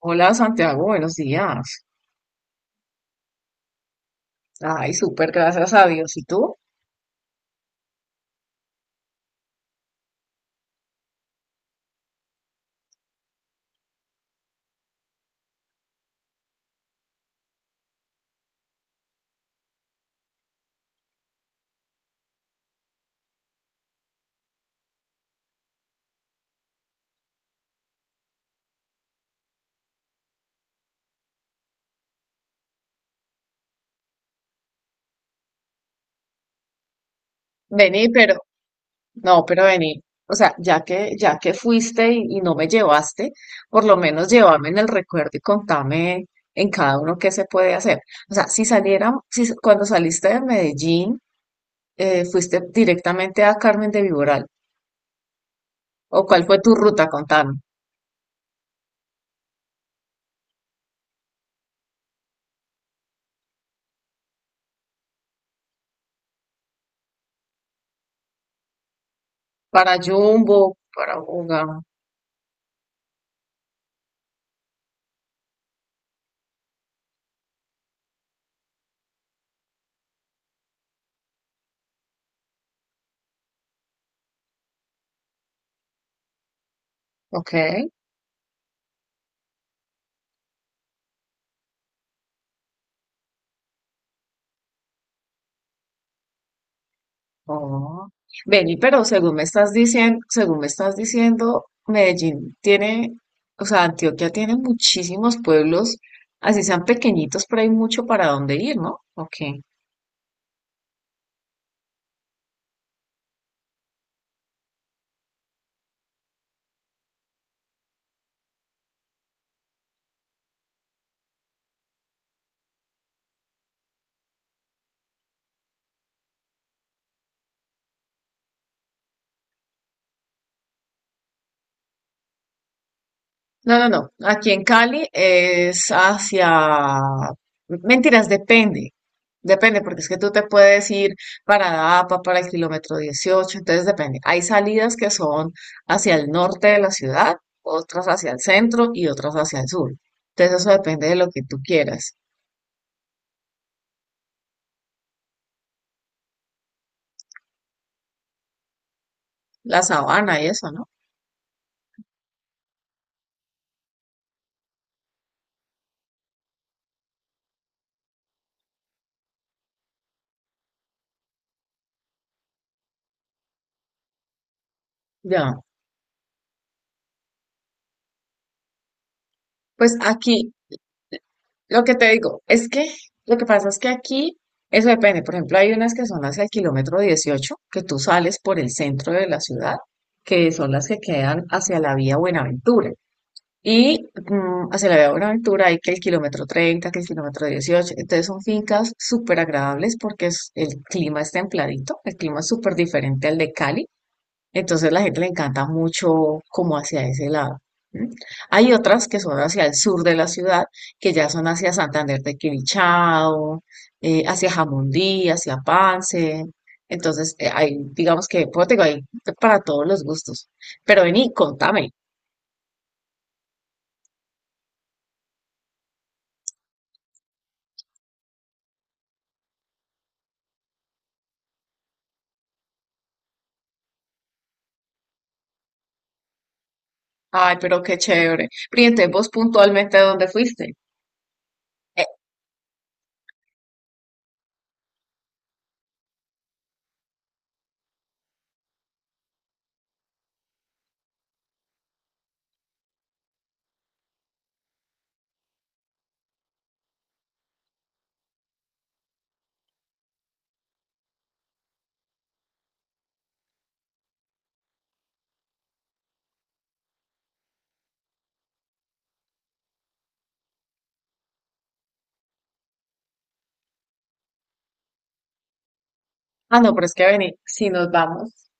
Hola Santiago, buenos días. Ay, súper, gracias a Dios. ¿Y tú? Vení, pero, no, pero vení. O sea, ya que fuiste y no me llevaste, por lo menos llévame en el recuerdo y contame en cada uno qué se puede hacer. O sea, si saliera, si cuando saliste de Medellín, fuiste directamente a Carmen de Viboral, o cuál fue tu ruta, contame. Para Jumbo, para Buga, ok. Oh. Vení, pero según me estás diciendo, según me estás diciendo, Medellín tiene, o sea, Antioquia tiene muchísimos pueblos, así sean pequeñitos, pero hay mucho para dónde ir, ¿no? Ok. No, no, no. Aquí en Cali es hacia... Mentiras, depende. Depende, porque es que tú te puedes ir para APA, para el kilómetro 18. Entonces depende. Hay salidas que son hacia el norte de la ciudad, otras hacia el centro y otras hacia el sur. Entonces eso depende de lo que tú quieras. La sabana y eso, ¿no? Ya. Pues aquí lo que te digo es que lo que pasa es que aquí eso depende. Por ejemplo, hay unas que son hacia el kilómetro 18 que tú sales por el centro de la ciudad, que son las que quedan hacia la vía Buenaventura. Y hacia la vía Buenaventura hay que el kilómetro 30, que el kilómetro 18. Entonces son fincas súper agradables porque es- el clima es templadito, el clima es súper diferente al de Cali. Entonces la gente le encanta mucho como hacia ese lado. ¿M? Hay otras que son hacia el sur de la ciudad, que ya son hacia Santander de Quilichao, hacia Jamundí, hacia Pance. Entonces, hay, digamos que, pues, te digo, hay para todos los gustos. Pero vení, contame. Ay, pero qué chévere. Pero ¿y entonces vos puntualmente, ¿a dónde fuiste? Eh, no, pero es que vení, si nos vamos.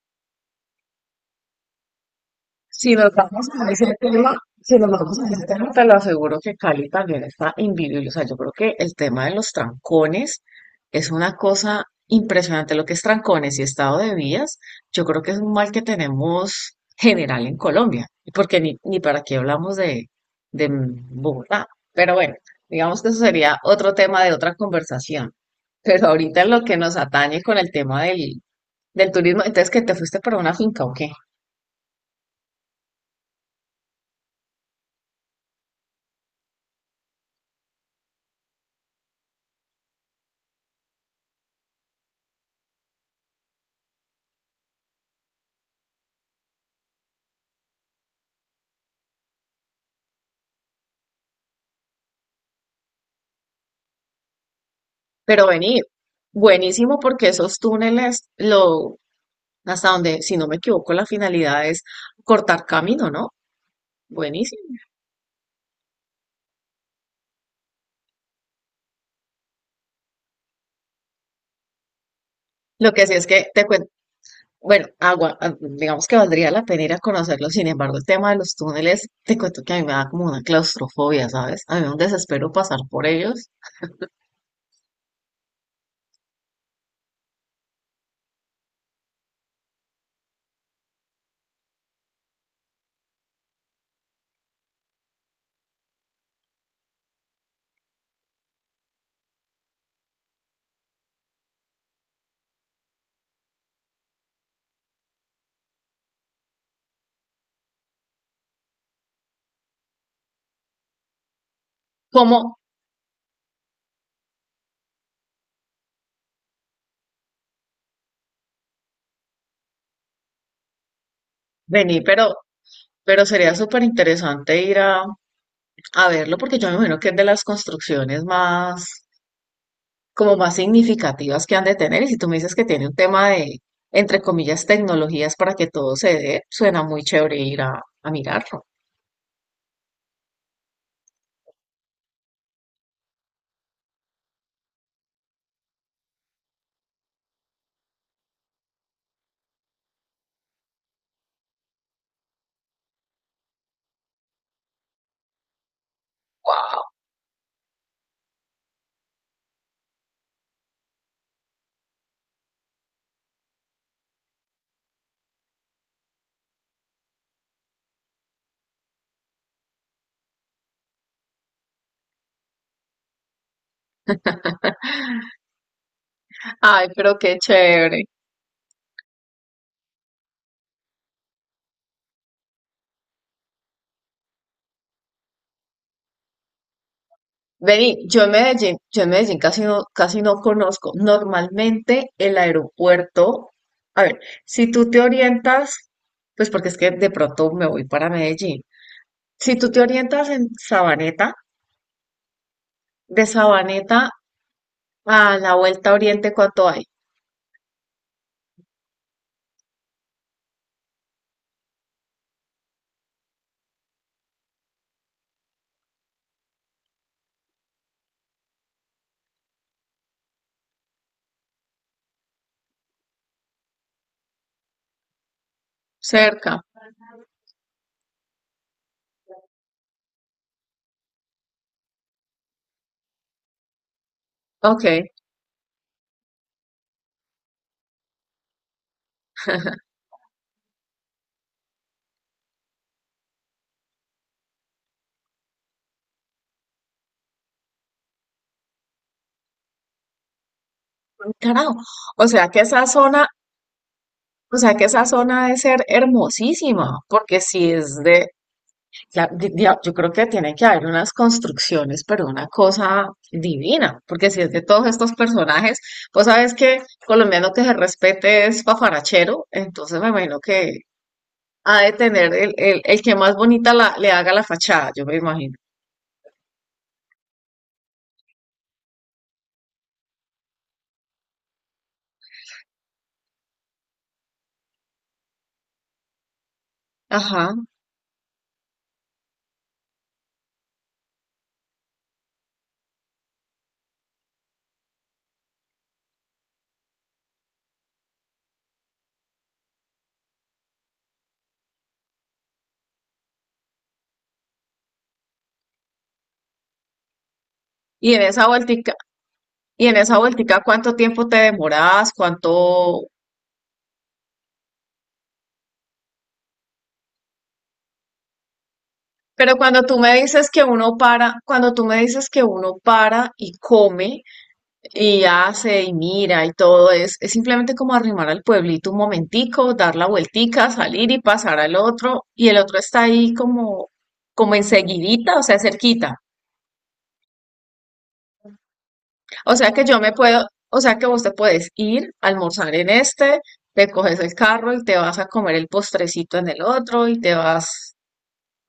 Si nos vamos a ese tema, si nos vamos a ese tema, te lo aseguro que Cali también está invivible. O sea, yo creo que el tema de los trancones es una cosa impresionante. Lo que es trancones y estado de vías, yo creo que es un mal que tenemos general en Colombia, porque ni para qué hablamos de Bogotá. Pero bueno, digamos que eso sería otro tema de otra conversación. Pero ahorita en lo que nos atañe con el tema del, del turismo, entonces que te fuiste para una finca o qué. Pero vení, buenísimo porque esos túneles, lo, hasta donde, si no me equivoco, la finalidad es cortar camino, ¿no? Buenísimo. Lo que sí es que te cuento, bueno, agua, ah, digamos que valdría la pena ir a conocerlo, sin embargo, el tema de los túneles, te cuento que a mí me da como una claustrofobia, ¿sabes? A mí me da un desespero pasar por ellos. Como, vení, pero sería súper interesante ir a verlo porque yo me imagino que es de las construcciones más como más significativas que han de tener. Y si tú me dices que tiene un tema de, entre comillas, tecnologías para que todo se dé, suena muy chévere ir a mirarlo. Ay, pero qué chévere. Vení, yo en Medellín casi no conozco. Normalmente el aeropuerto, a ver, si tú te orientas, pues porque es que de pronto me voy para Medellín. Si tú te orientas en Sabaneta, de Sabaneta a la Vuelta a Oriente, ¿cuánto hay? Cerca. Ok. Carajo. O sea que esa zona, o sea que esa zona debe ser hermosísima, porque si es de, la- di- di- yo creo que tiene que haber unas construcciones, pero una cosa divina, porque si es de todos estos personajes, pues sabes que colombiano que se respete es pafarachero, entonces me imagino que ha de tener el que más bonita la- le haga la fachada, yo me imagino. Ajá. Y en esa vueltica, y en esa vueltica, ¿cuánto tiempo te demorabas? ¿Cuánto pero cuando tú me dices que uno para, cuando tú me dices que uno para y come y hace y mira y todo, es simplemente como arrimar al pueblito un momentico, dar la vueltica, salir y pasar al otro, y el otro está ahí como, como enseguidita, o sea, cerquita. O sea que yo me puedo, o sea que vos te puedes ir, almorzar en este, te coges el carro y te vas a comer el postrecito en el otro y te vas,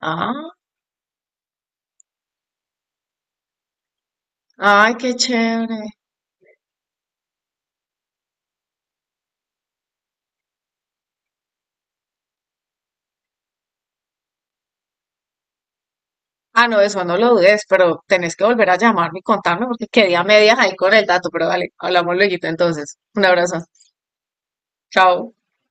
ah, ay, qué chévere. Ah, no, eso no lo dudes, pero tenés que volver a llamarme y contarme porque quedé a medias ahí con el dato, pero dale, hablamos luego entonces. Un abrazo. Chao.